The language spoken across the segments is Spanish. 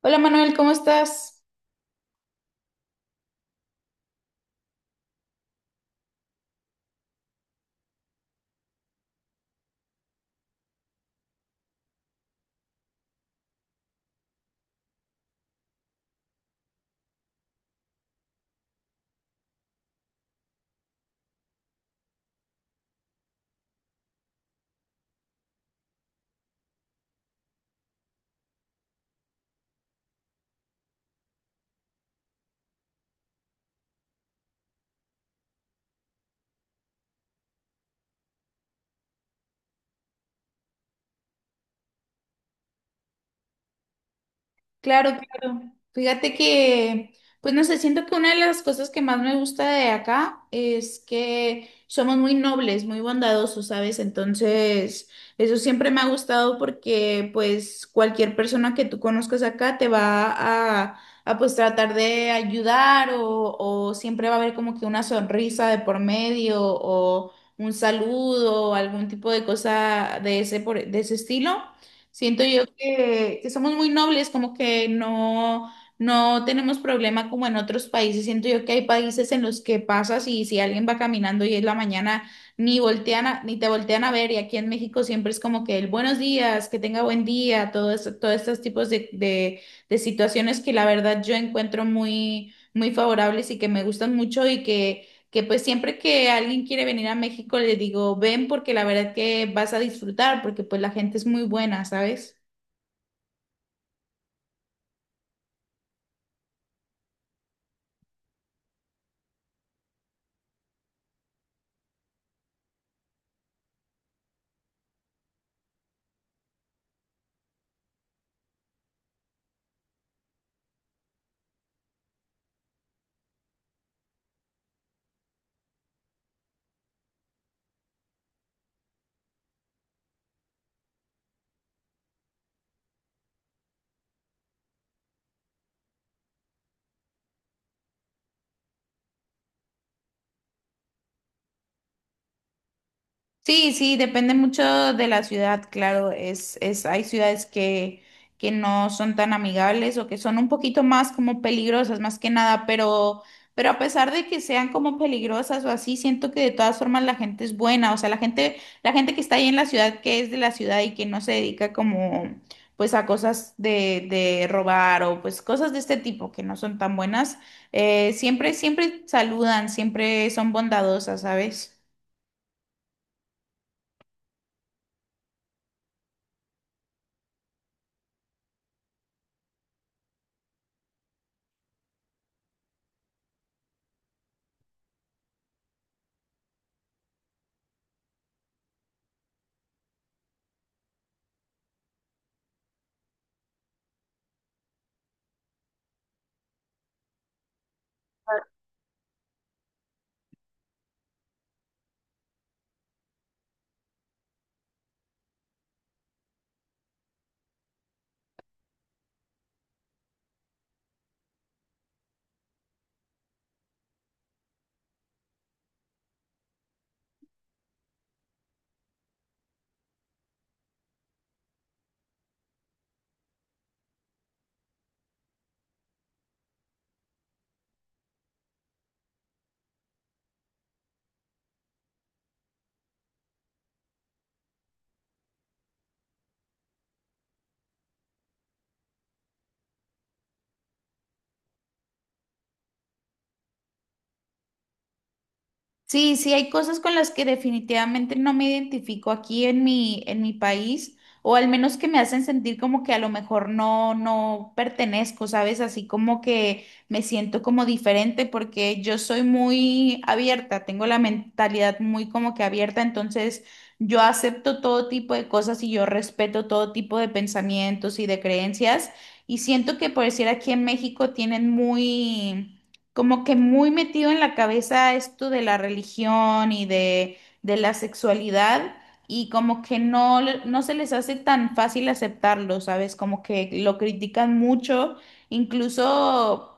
Hola Manuel, ¿cómo estás? Claro, claro. Fíjate que, pues no sé, siento que una de las cosas que más me gusta de acá es que somos muy nobles, muy bondadosos, ¿sabes? Entonces, eso siempre me ha gustado porque, pues, cualquier persona que tú conozcas acá te va a pues, tratar de ayudar o siempre va a haber como que una sonrisa de por medio o un saludo o algún tipo de cosa de ese, de ese estilo. Siento yo que somos muy nobles, como que no, no tenemos problema como en otros países. Siento yo que hay países en los que pasas y si alguien va caminando y es la mañana, ni te voltean a ver. Y aquí en México siempre es como que el buenos días, que tenga buen día, todos estos tipos de situaciones que la verdad yo encuentro muy, muy favorables y que me gustan mucho y que pues siempre que alguien quiere venir a México le digo, ven porque la verdad que vas a disfrutar, porque pues la gente es muy buena, ¿sabes? Sí, sí, depende mucho de la ciudad, claro, hay ciudades que no son tan amigables o que son un poquito más como peligrosas, más que nada, pero a pesar de que sean como peligrosas o así, siento que de todas formas la gente es buena, o sea, la gente que está ahí en la ciudad, que es de la ciudad y que no se dedica como, pues a cosas de robar o pues cosas de este tipo que no son tan buenas, siempre, siempre saludan, siempre son bondadosas, ¿sabes? Sí, sí, hay cosas con las que definitivamente no me identifico aquí en mi país, o al menos que me hacen sentir como que a lo mejor no, no pertenezco, ¿sabes? Así como que me siento como diferente porque yo soy muy abierta, tengo la mentalidad muy como que abierta, entonces yo acepto todo tipo de cosas y yo respeto todo tipo de pensamientos y de creencias, y siento que por decir aquí en México tienen muy como que muy metido en la cabeza esto de la religión y de la sexualidad y como que no, no se les hace tan fácil aceptarlo, ¿sabes? Como que lo critican mucho, incluso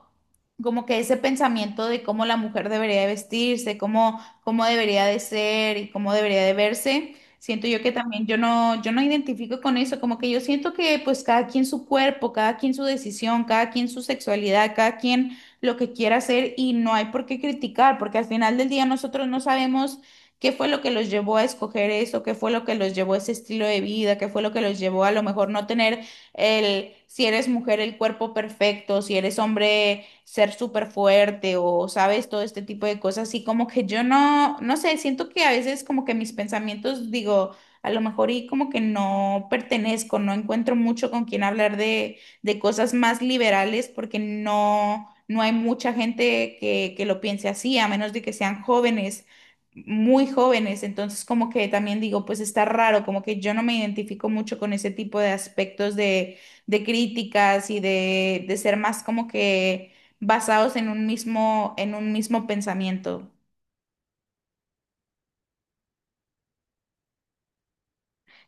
como que ese pensamiento de cómo la mujer debería de vestirse, cómo, cómo debería de ser y cómo debería de verse. Siento yo que también yo no, yo no identifico con eso, como que yo siento que pues cada quien su cuerpo, cada quien su decisión, cada quien su sexualidad, cada quien lo que quiera hacer y no hay por qué criticar, porque al final del día nosotros no sabemos qué fue lo que los llevó a escoger eso, qué fue lo que los llevó a ese estilo de vida, qué fue lo que los llevó a lo mejor no tener el, si eres mujer, el cuerpo perfecto, si eres hombre, ser súper fuerte o sabes todo este tipo de cosas. Y como que yo no, no sé, siento que a veces como que mis pensamientos digo... A lo mejor y como que no pertenezco, no encuentro mucho con quien hablar de cosas más liberales porque no, no hay mucha gente que lo piense así, a menos de que sean jóvenes, muy jóvenes. Entonces, como que también digo, pues está raro, como que yo no me identifico mucho con ese tipo de aspectos de críticas y de ser más como que basados en un mismo pensamiento.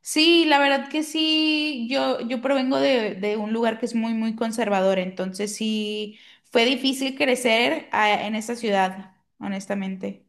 Sí, la verdad que sí, yo provengo de un lugar que es muy, muy conservador, entonces sí, fue difícil crecer en esa ciudad, honestamente.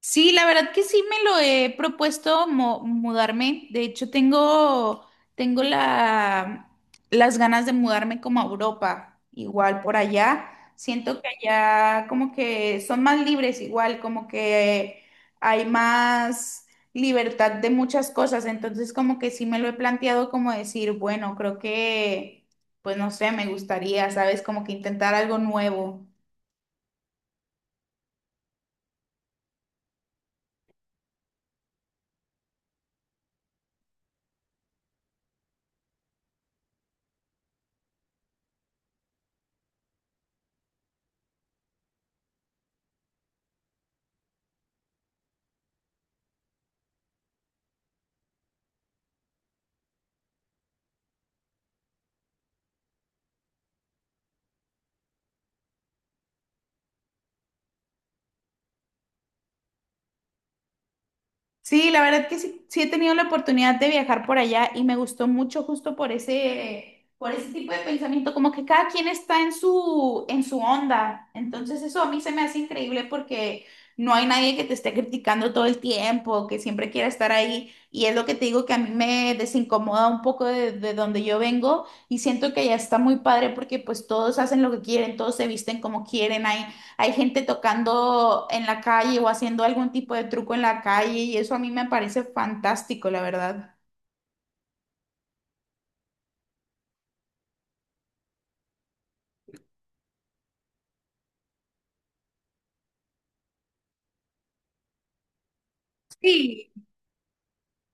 Sí, la verdad que sí me lo he propuesto mudarme. De hecho, tengo, tengo la, las ganas de mudarme como a Europa, igual por allá. Siento que allá como que son más libres, igual como que hay más libertad de muchas cosas. Entonces, como que sí me lo he planteado como decir, bueno, creo que, pues no sé, me gustaría, ¿sabes? Como que intentar algo nuevo. Sí, la verdad que sí, sí he tenido la oportunidad de viajar por allá y me gustó mucho justo por ese tipo de pensamiento, como que cada quien está en su onda. Entonces eso a mí se me hace increíble porque no hay nadie que te esté criticando todo el tiempo, que siempre quiera estar ahí. Y es lo que te digo que a mí me desincomoda un poco de donde yo vengo y siento que allá está muy padre porque pues todos hacen lo que quieren, todos se visten como quieren, hay hay gente tocando en la calle o haciendo algún tipo de truco en la calle y eso a mí me parece fantástico, la verdad. Sí,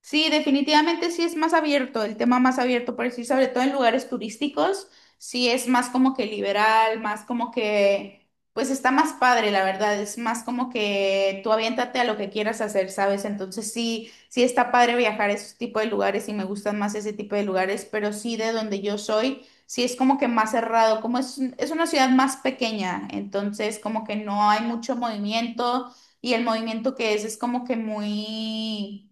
sí, definitivamente sí es más abierto, el tema más abierto, por decir, sobre todo en lugares turísticos, sí es más como que liberal, más como que, pues está más padre, la verdad, es más como que tú aviéntate a lo que quieras hacer, ¿sabes? Entonces sí, sí está padre viajar a ese tipo de lugares y me gustan más ese tipo de lugares, pero sí de donde yo soy, sí es como que más cerrado, como es una ciudad más pequeña, entonces como que no hay mucho movimiento y el movimiento que es como que muy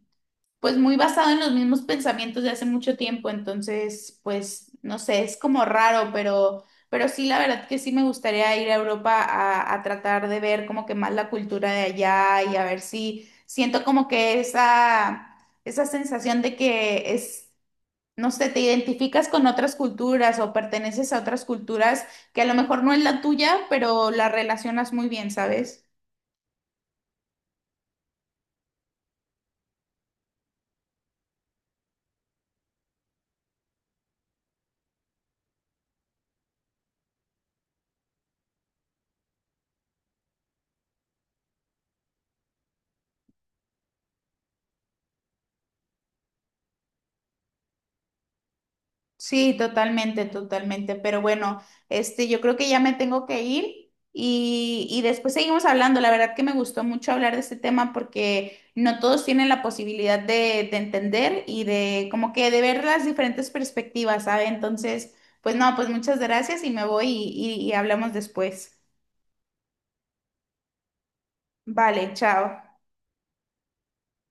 pues muy basado en los mismos pensamientos de hace mucho tiempo, entonces, pues, no sé, es como raro, pero sí, la verdad que sí me gustaría ir a Europa a tratar de ver como que más la cultura de allá y a ver si siento como que esa sensación de que es, no sé, te identificas con otras culturas o perteneces a otras culturas que a lo mejor no es la tuya, pero la relacionas muy bien, ¿sabes? Sí, totalmente, totalmente. Pero bueno, este, yo creo que ya me tengo que ir y después seguimos hablando. La verdad que me gustó mucho hablar de este tema porque no todos tienen la posibilidad de entender y de como que de ver las diferentes perspectivas, ¿sabe? Entonces, pues no, pues muchas gracias y me voy y y hablamos después. Vale, chao.